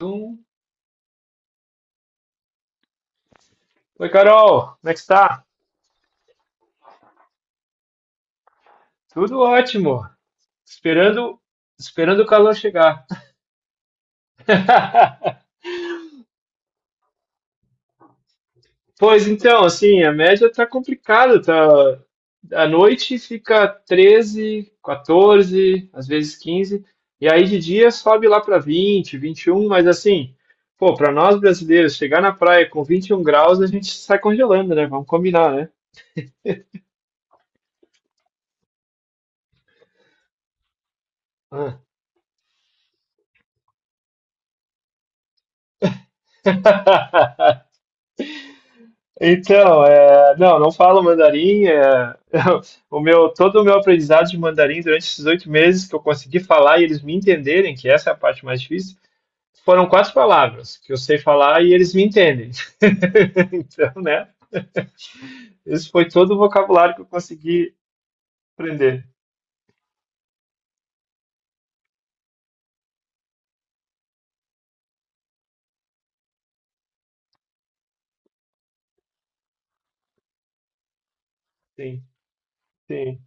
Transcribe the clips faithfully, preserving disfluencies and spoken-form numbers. Um. Oi, Carol, como é que está? Tudo ótimo. Esperando, esperando o calor chegar. Pois então, assim, a média tá complicada, tá. À noite fica treze catorze, às vezes quinze e aí de dia sobe lá para vinte vinte e um, mas assim, pô, para nós brasileiros chegar na praia com vinte e um graus, a gente sai congelando, né? Vamos combinar, né? Ah. Então, é, não, não falo mandarim. É. o meu, todo o meu aprendizado de mandarim durante esses oito meses, que eu consegui falar e eles me entenderem, que essa é a parte mais difícil, foram quatro palavras que eu sei falar e eles me entendem. Então, né? Esse foi todo o vocabulário que eu consegui aprender. Sim, sim,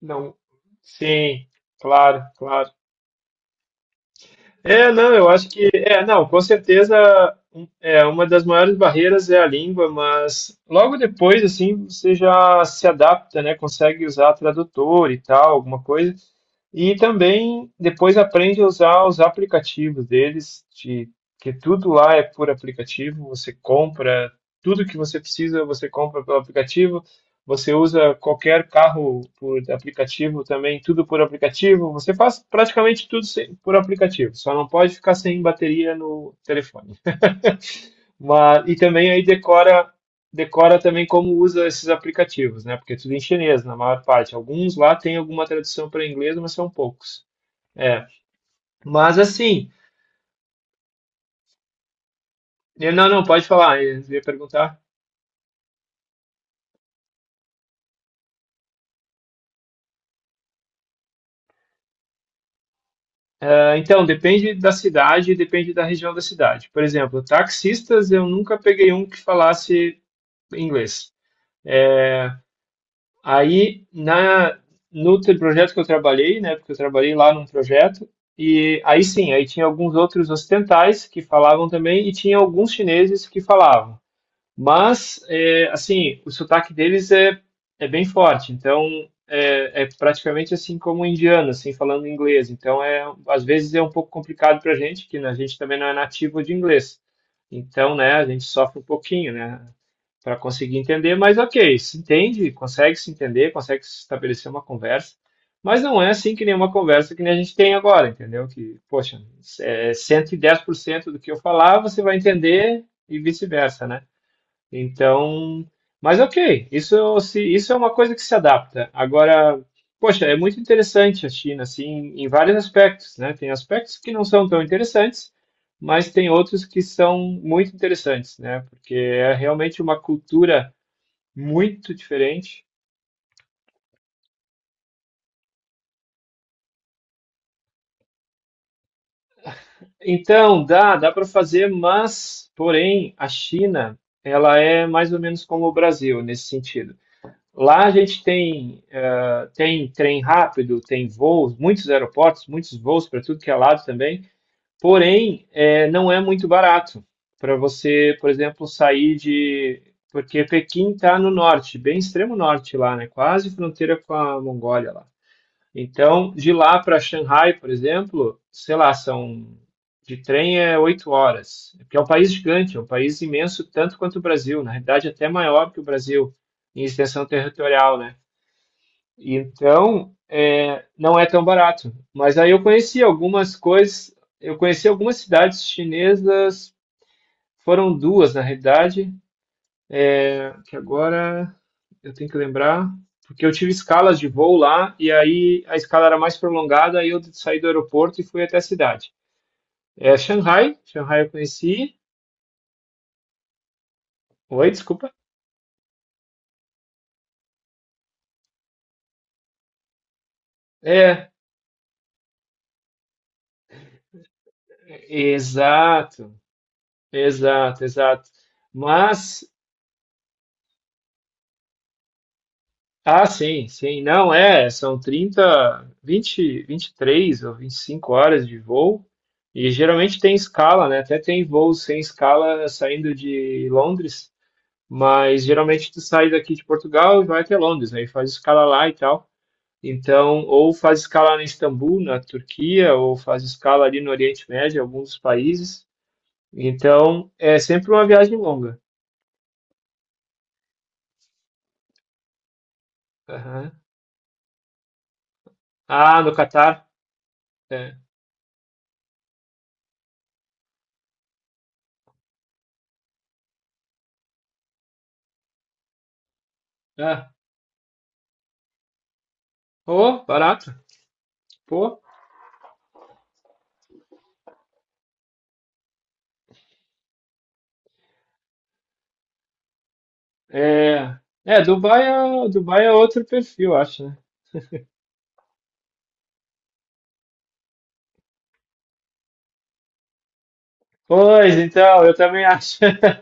não, sim, claro, claro. É, não, eu acho que é, não, com certeza um- é uma das maiores barreiras é a língua, mas logo depois assim você já se adapta, né? Consegue usar tradutor e tal, alguma coisa. E também depois aprende a usar os aplicativos deles, de, que tudo lá é por aplicativo, você compra tudo que você precisa, você compra pelo aplicativo. Você usa qualquer carro por aplicativo também, tudo por aplicativo. Você faz praticamente tudo sem- por aplicativo, só não pode ficar sem bateria no telefone. Mas, e também aí decora, decora também como usa esses aplicativos, né? Porque é tudo em chinês, na maior parte. Alguns lá tem alguma tradução para inglês, mas são poucos. É. Mas assim, eu- não, não, pode falar, eu ia perguntar. Ah, então, depende da cidade, depende da região da cidade. Por exemplo, taxistas, eu nunca peguei um que falasse em inglês. Aí, na, no te- projeto que eu trabalhei, né, porque eu trabalhei lá num projeto, e aí sim, aí tinha alguns outros ocidentais que falavam também, e tinha alguns chineses que falavam. Mas, é, assim, o sotaque deles é, é bem forte, então é, é praticamente assim como um indiano, assim, falando inglês. Então, é, às vezes é um pouco complicado para a gente, que a gente também não é nativo de inglês. Então, né, a gente sofre um pouquinho, né, para conseguir entender, mas ok, se entende, consegue se entender, consegue se estabelecer uma conversa. Mas não é assim que nenhuma conversa que nem a gente tem agora, entendeu? Que, poxa, é cento e dez por cento do que eu falar, você vai entender, e vice-versa, né? Então, mas ok, isso, se isso é uma coisa que se adapta. Agora, poxa, é muito interessante a China, assim, em vários aspectos, né? Tem aspectos que não são tão interessantes, mas tem outros que são muito interessantes, né? Porque é realmente uma cultura muito diferente. Então, dá, dá para fazer, mas, porém, a China, ela é mais ou menos como o Brasil nesse sentido. Lá a gente tem tem trem rápido, tem voos, muitos aeroportos, muitos voos para tudo que é lado também. Porém, é, não é muito barato para você, por exemplo, sair de. Porque Pequim está no norte, bem extremo norte lá, né? Quase fronteira com a Mongólia lá. Então, de lá para Xangai, por exemplo, sei lá, são. De trem é oito horas, É porque é um país gigante, é um país imenso, tanto quanto o Brasil, na realidade é até maior que o Brasil em extensão territorial, né? Então, é, não é tão barato. Mas aí eu conheci algumas coisas, eu conheci algumas cidades chinesas, foram duas na realidade, que agora eu tenho que lembrar, porque eu tive escalas de voo lá e aí a escala era mais prolongada, aí eu saí do aeroporto e fui até a cidade. É Shanghai, Shanghai eu conheci. Oi, desculpa. É, exato, exato, exato. Mas ah, sim, sim. Não, é, são trinta, vinte, vinte e três ou vinte e cinco horas de voo. E geralmente tem escala, né? Até tem voos sem escala saindo de Londres, mas geralmente tu sai daqui de Portugal e vai até Londres, aí faz escala lá e tal. Então, ou faz escala em Istambul, na Turquia, ou faz escala ali no Oriente Médio, em alguns países. Então, é sempre uma viagem longa. Aham. Ah, no Catar. É. Ah, oh, barato. Pô. É, é, Dubai é, Dubai é outro perfil, eu acho, né? Pois, então, eu também acho.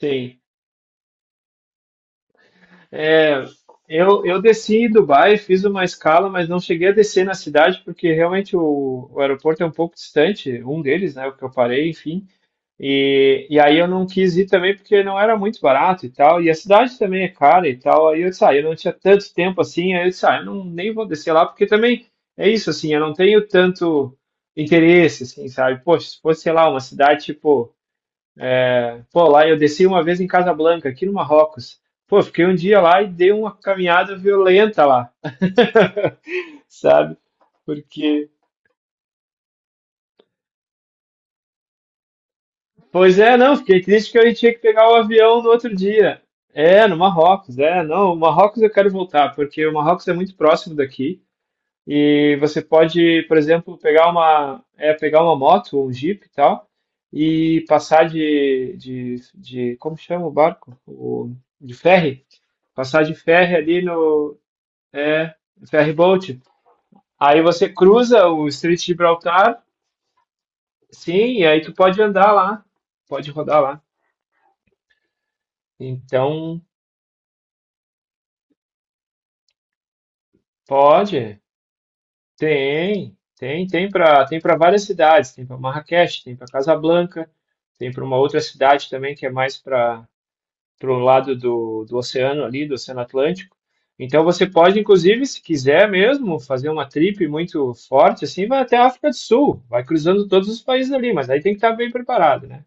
Sim. É, eu, eu desci em Dubai, fiz uma escala, mas não cheguei a descer na cidade, porque realmente o, o aeroporto é um pouco distante, um deles, né, o que eu parei, enfim. E, e aí eu não quis ir também, porque não era muito barato e tal, e a cidade também é cara e tal. Aí eu disse, ah, eu não tinha tanto tempo assim, aí eu disse, ah, eu não, nem vou descer lá, porque também é isso, assim, eu não tenho tanto interesse, assim, sabe? Poxa, se fosse, sei lá, uma cidade tipo, pô, lá eu desci uma vez em Casablanca, aqui no Marrocos. Pô, fiquei um dia lá e dei uma caminhada violenta lá, sabe? Porque Pois é, não, fiquei triste que eu tinha que pegar o avião no outro dia. É, no Marrocos, é, não, o Marrocos eu quero voltar, porque o Marrocos é muito próximo daqui, e você pode, por exemplo, pegar uma, é, pegar uma moto ou um jeep e tal e passar de, de, de como chama o barco? O, de ferry, passar de ferry ali no, é, ferry boat. Aí você cruza o Estreito de Gibraltar, sim, e aí tu pode andar lá, pode rodar lá. Então, pode, tem, tem, tem para tem para várias cidades, tem para Marrakech, tem para Casablanca, tem para uma outra cidade também que é mais para o lado do, do oceano ali, do Oceano Atlântico. Então você pode, inclusive, se quiser mesmo, fazer uma trip muito forte, assim, vai até a África do Sul, vai cruzando todos os países ali, mas aí tem que estar bem preparado, né?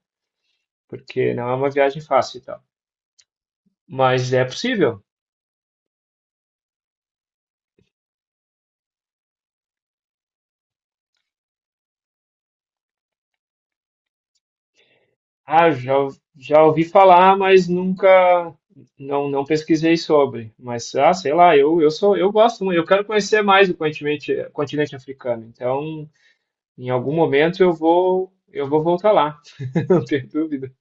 Porque não é uma viagem fácil e tal. Mas é possível. Ah, já, ou- já ouvi falar, mas nunca não, não pesquisei sobre. Mas ah, sei lá, eu, eu sou, eu gosto muito, eu quero conhecer mais o continente, continente africano. Então, em algum momento eu vou eu vou voltar lá, não tenho dúvida.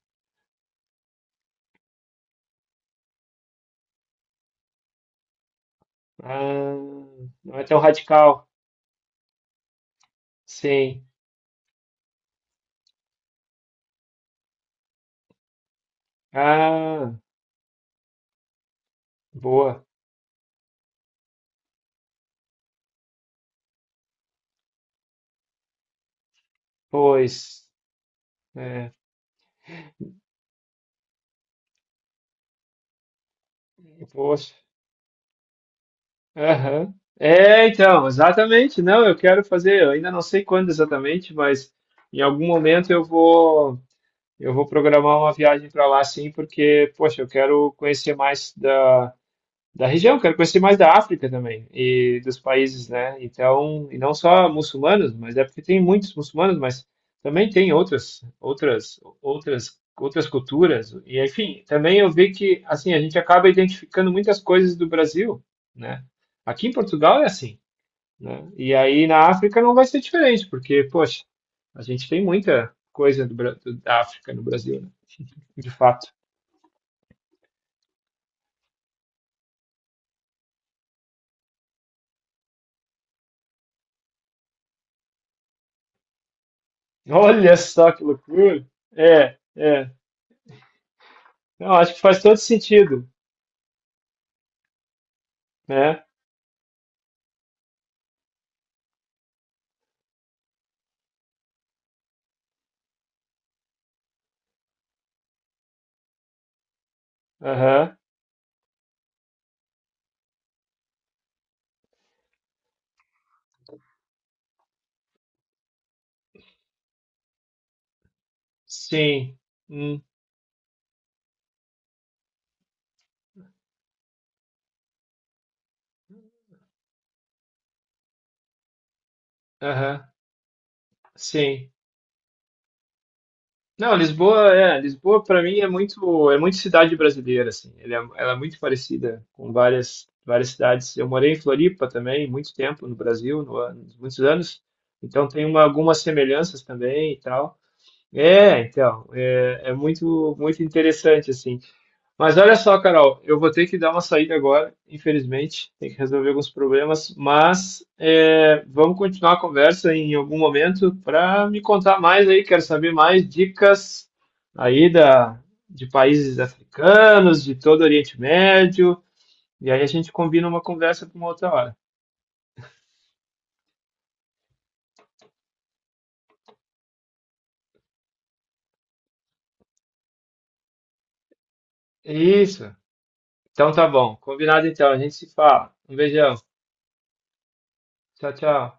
Ah, não é tão radical. Sim. Ah, boa. Pois. É, poxa. Aham. É, então, exatamente. Não, eu quero fazer, eu ainda não sei quando exatamente, mas em algum momento eu vou Eu vou programar uma viagem para lá, sim, porque, poxa, eu quero conhecer mais da, da região, quero conhecer mais da África também e dos países, né? Então, e não só muçulmanos, mas é porque tem muitos muçulmanos, mas também tem outras, outras, outras, outras culturas. E enfim, também eu vi que assim a gente acaba identificando muitas coisas do Brasil, né? Aqui em Portugal é assim, né? E aí na África não vai ser diferente, porque, poxa, a gente tem muita coisa do Bra- da África no Brasil, de fato. Olha só que loucura! É, é. Não, acho que faz todo sentido, né? Aham. Sim. Hum. Aham. Sim. Não, Lisboa, é, Lisboa para mim é muito, é muito cidade brasileira, assim. Ele é- ela é muito parecida com várias, várias cidades. Eu morei em Floripa também, muito tempo no Brasil, no, ano- muitos anos. Então tem uma, algumas semelhanças também e tal. É, então, é, é muito, muito interessante, assim. Mas olha só, Carol, eu vou ter que dar uma saída agora, infelizmente, tem que resolver alguns problemas, mas é, vamos continuar a conversa em algum momento para me contar mais aí, quero saber mais dicas aí da, de países africanos, de todo o Oriente Médio, e aí a gente combina uma conversa para uma outra hora. Isso. Então tá bom, combinado então, a gente se fala. Um beijão. Tchau, tchau.